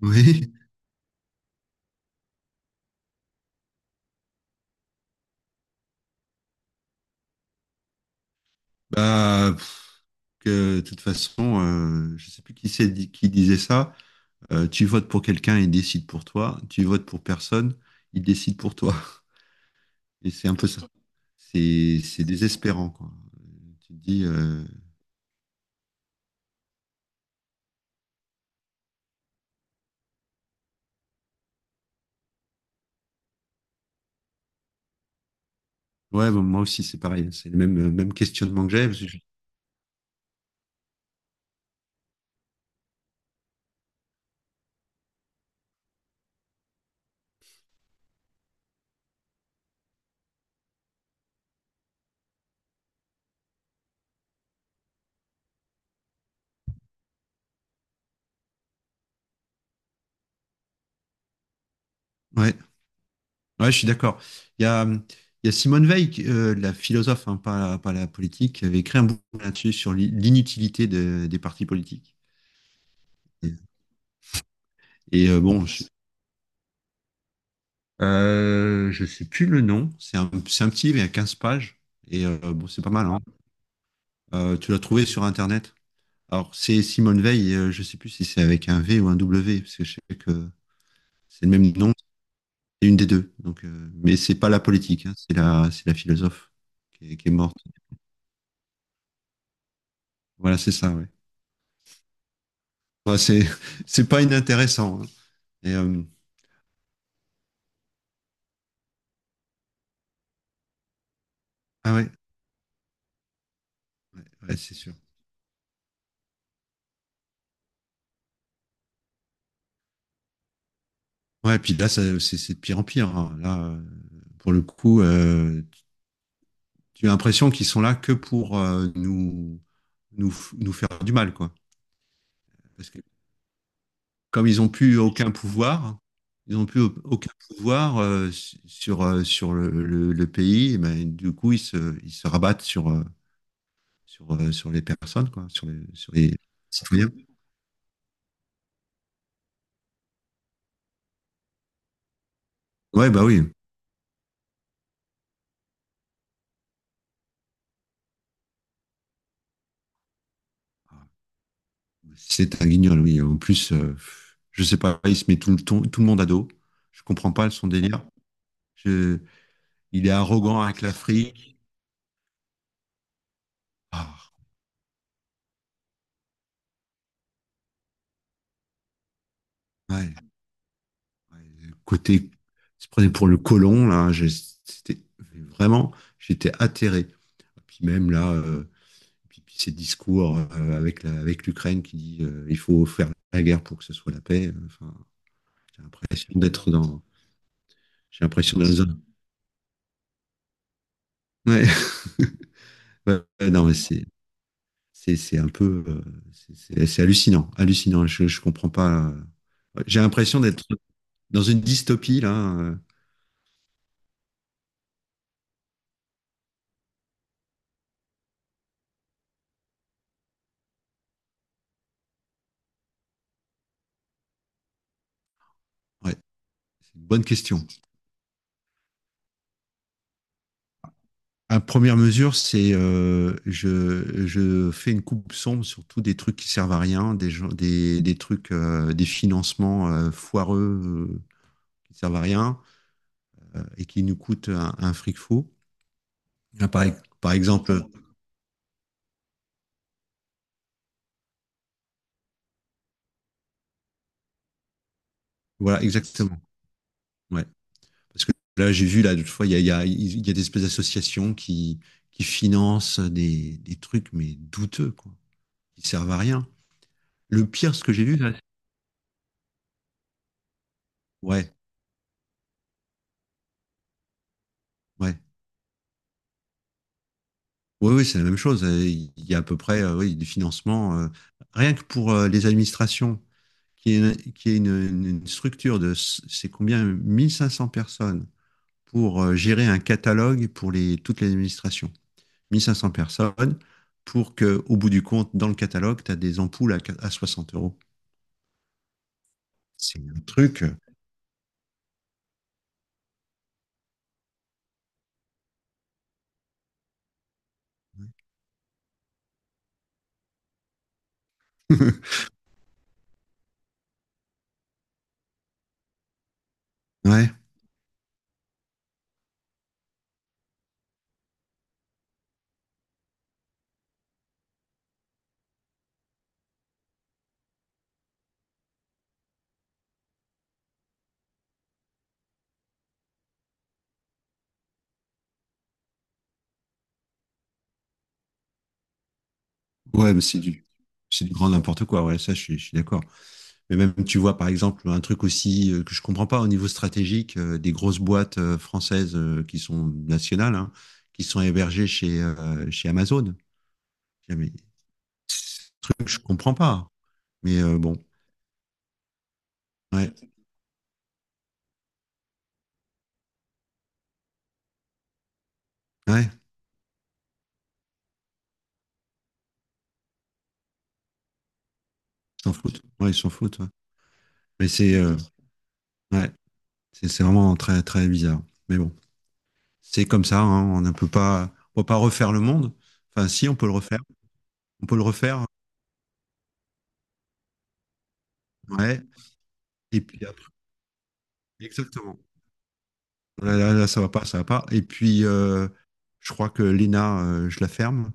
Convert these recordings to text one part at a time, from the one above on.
Oui, bah, pff, de toute façon, je sais plus qui disait ça. Tu votes pour quelqu'un, il décide pour toi. Tu votes pour personne, il décide pour toi. Et c'est un peu ça. C'est désespérant, quoi. Tu te dis, ouais, bon, moi aussi, c'est pareil. C'est le même questionnement que j'ai, ouais, ouais, je suis d'accord. Il y a Simone Veil, la philosophe, hein, pas la politique, qui avait écrit un bouquin là-dessus sur l'inutilité des partis politiques. Et je sais plus le nom. C'est un petit livre, il y a 15 pages. Et bon, c'est pas mal, hein. Tu l'as trouvé sur Internet. Alors, c'est Simone Veil. Je sais plus si c'est avec un V ou un W, parce que je sais que c'est le même nom. C'est une des deux. Donc, mais c'est pas la politique, hein, c'est la philosophe qui est morte. Voilà, c'est ça. Ouais. Enfin, c'est, c'est pas inintéressant, hein. Et, euh, ah ouais, ouais, ouais, c'est sûr. Ouais, puis là, c'est de pire en pire, hein. Là, pour le coup, tu as l'impression qu'ils sont là que pour nous, nous faire du mal, quoi. Parce que comme ils n'ont plus aucun pouvoir, ils n'ont plus aucun pouvoir sur, le pays, et ben, du coup, ils se rabattent sur, sur les personnes, quoi, sur les citoyens. Ouais, bah oui. C'est un guignol, oui. En plus, je sais pas, il se met tout le monde à dos. Je comprends pas son délire. Je- il est arrogant avec l'Afrique. Ah, ouais. Ouais, le côté, se prenait pour le colon, là, c'était vraiment, j'étais atterré. Puis même là, puis ces discours avec l'Ukraine qui dit il faut faire la guerre pour que ce soit la paix. Enfin, j'ai l'impression d'être dans, j'ai l'impression d'être dans un. Ouais. Ouais, ouais, non, mais c'est un peu, c'est hallucinant, hallucinant. Je comprends pas. Ouais, j'ai l'impression d'être dans une dystopie là. Ouais, c'est une bonne question. À première mesure, c'est je fais une coupe sombre sur tous des trucs qui servent à rien, des trucs, des financements foireux qui servent à rien et qui nous coûtent un fric fou. Là, par exemple, voilà, exactement. Ouais. Parce que là, j'ai vu, là, l'autre fois, il y a des espèces d'associations qui financent des trucs, mais douteux, quoi, qui servent à rien. Le pire, ce que j'ai vu, là, ouais, ouais. Oui, oui, c'est la même chose. Il y a à peu près oui, du financement. Rien que pour les administrations, qui est une, une structure de, c'est combien, 1500 personnes pour gérer un catalogue pour toutes les administrations. 1500 personnes pour que, au bout du compte, dans le catalogue, tu as des ampoules à, à 60 euros. C'est un truc. Ouais, ouais, mais c'est du grand n'importe quoi. Ouais, ça, je suis d'accord. Mais même, tu vois, par exemple, un truc aussi que je comprends pas au niveau stratégique, des grosses boîtes françaises qui sont nationales, hein, qui sont hébergées chez Amazon. Jamais. Ce truc, je comprends pas. Mais bon, ouais, ouais, ils s'en foutent. Ouais, ils s'en foutent, ouais. Mais c'est ouais, c'est vraiment très, très bizarre. Mais bon, c'est comme ça, hein, on ne peut pas, on peut pas refaire le monde. Enfin, si, on peut le refaire. On peut le refaire. Ouais. Et puis après, exactement. Là, ça va pas, ça va pas. Et puis, je crois que Lena, je la ferme.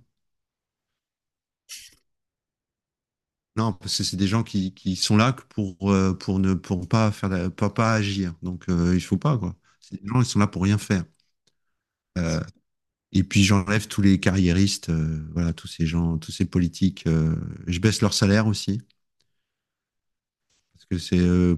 Non, parce que c'est des gens qui sont là que pour ne pour pas faire pas agir. Donc, il faut pas, quoi. C'est des gens, ils sont là pour rien faire. Euh, et puis, j'enlève tous les carriéristes, voilà, tous ces gens, tous ces politiques. Je baisse leur salaire aussi. Parce que c'est.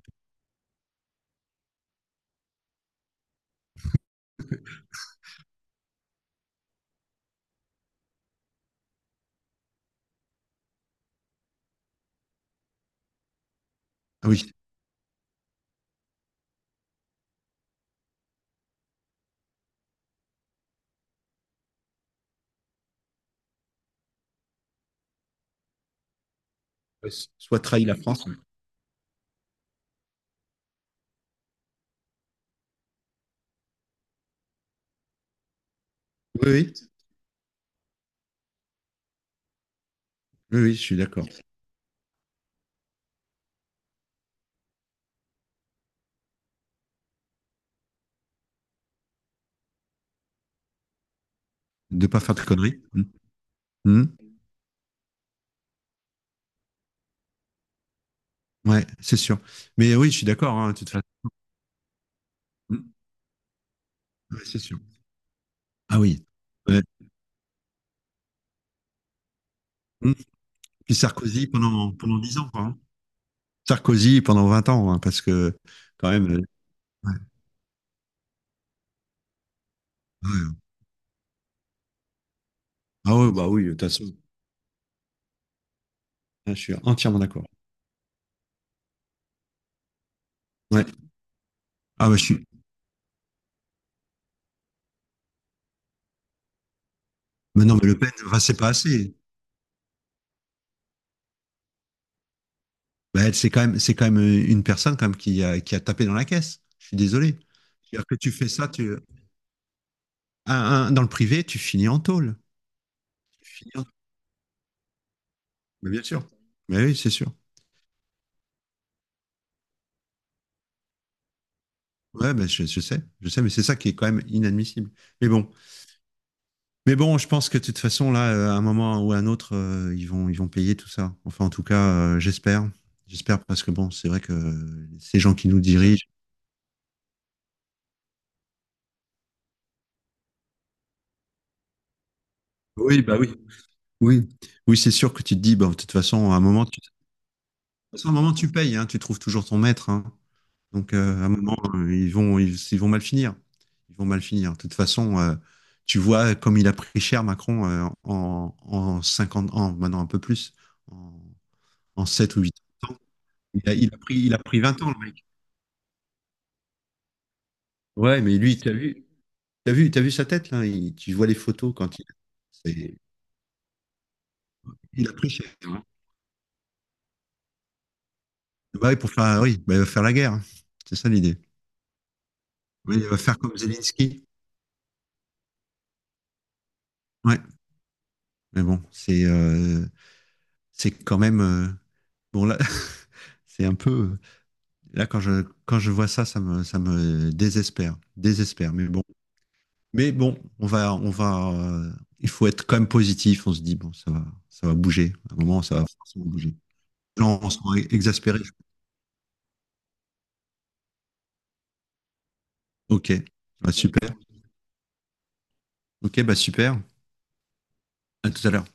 Ah oui, soit trahi la France. Oui, oui, oui, oui, je suis d'accord. De pas faire de conneries. Mhm. Mhm. Ouais, c'est sûr. Mais oui, je suis d'accord, hein, de toute façon. Mhm. Ouais, c'est sûr. Ah oui. Ouais. Mmh. Puis Sarkozy pendant 10 ans, quoi, hein. Sarkozy pendant 20 ans, hein, parce que quand même. Ouais, ouais. Ah ouais, bah oui, de toute façon, je suis entièrement d'accord. Ouais. Ah bah je suis. Mais non, mais Le Pen, enfin, c'est pas assez. Bah, elle, c'est quand même une personne quand même qui a tapé dans la caisse. Je suis désolé. C'est-à-dire que tu fais ça, un- dans le privé, tu finis en tôle. Tu finis en- Mais bien sûr. Mais oui, c'est sûr. Ouais, bah, je sais, mais c'est ça qui est quand même inadmissible. Mais bon, Mais bon, je pense que de toute façon, là, à un moment ou à un autre, ils vont payer tout ça. Enfin, en tout cas, j'espère. J'espère parce que bon, c'est vrai que ces gens qui nous dirigent. Oui, bah oui. Oui, oui, c'est sûr que tu te dis, bah, de toute façon, à un moment, de toute façon, à un moment, tu payes, hein, tu trouves toujours ton maître, hein. Donc, à un moment, ils vont mal finir. Ils vont mal finir. De toute façon, tu vois comme il a pris cher Macron en 50 ans, maintenant un peu plus, en, en 7 ou 8 ans. Il a pris 20 ans, le mec. Ouais, mais lui, t'as vu sa tête là? Tu vois les photos quand c'est- il a pris cher, hein. Bah oui, pour faire, oui, bah, il va faire la guerre, hein. C'est ça l'idée. Oui, il va faire comme Zelensky. Ouais, mais bon, c'est quand même, bon là, c'est un peu, là quand je vois ça, ça me désespère. Mais bon, on va, il faut être quand même positif. On se dit bon, ça va bouger. À un moment, ça va forcément bouger. Les gens sont exaspérés. Ok. Bah, super. Ok, bah super. À tout à l'heure.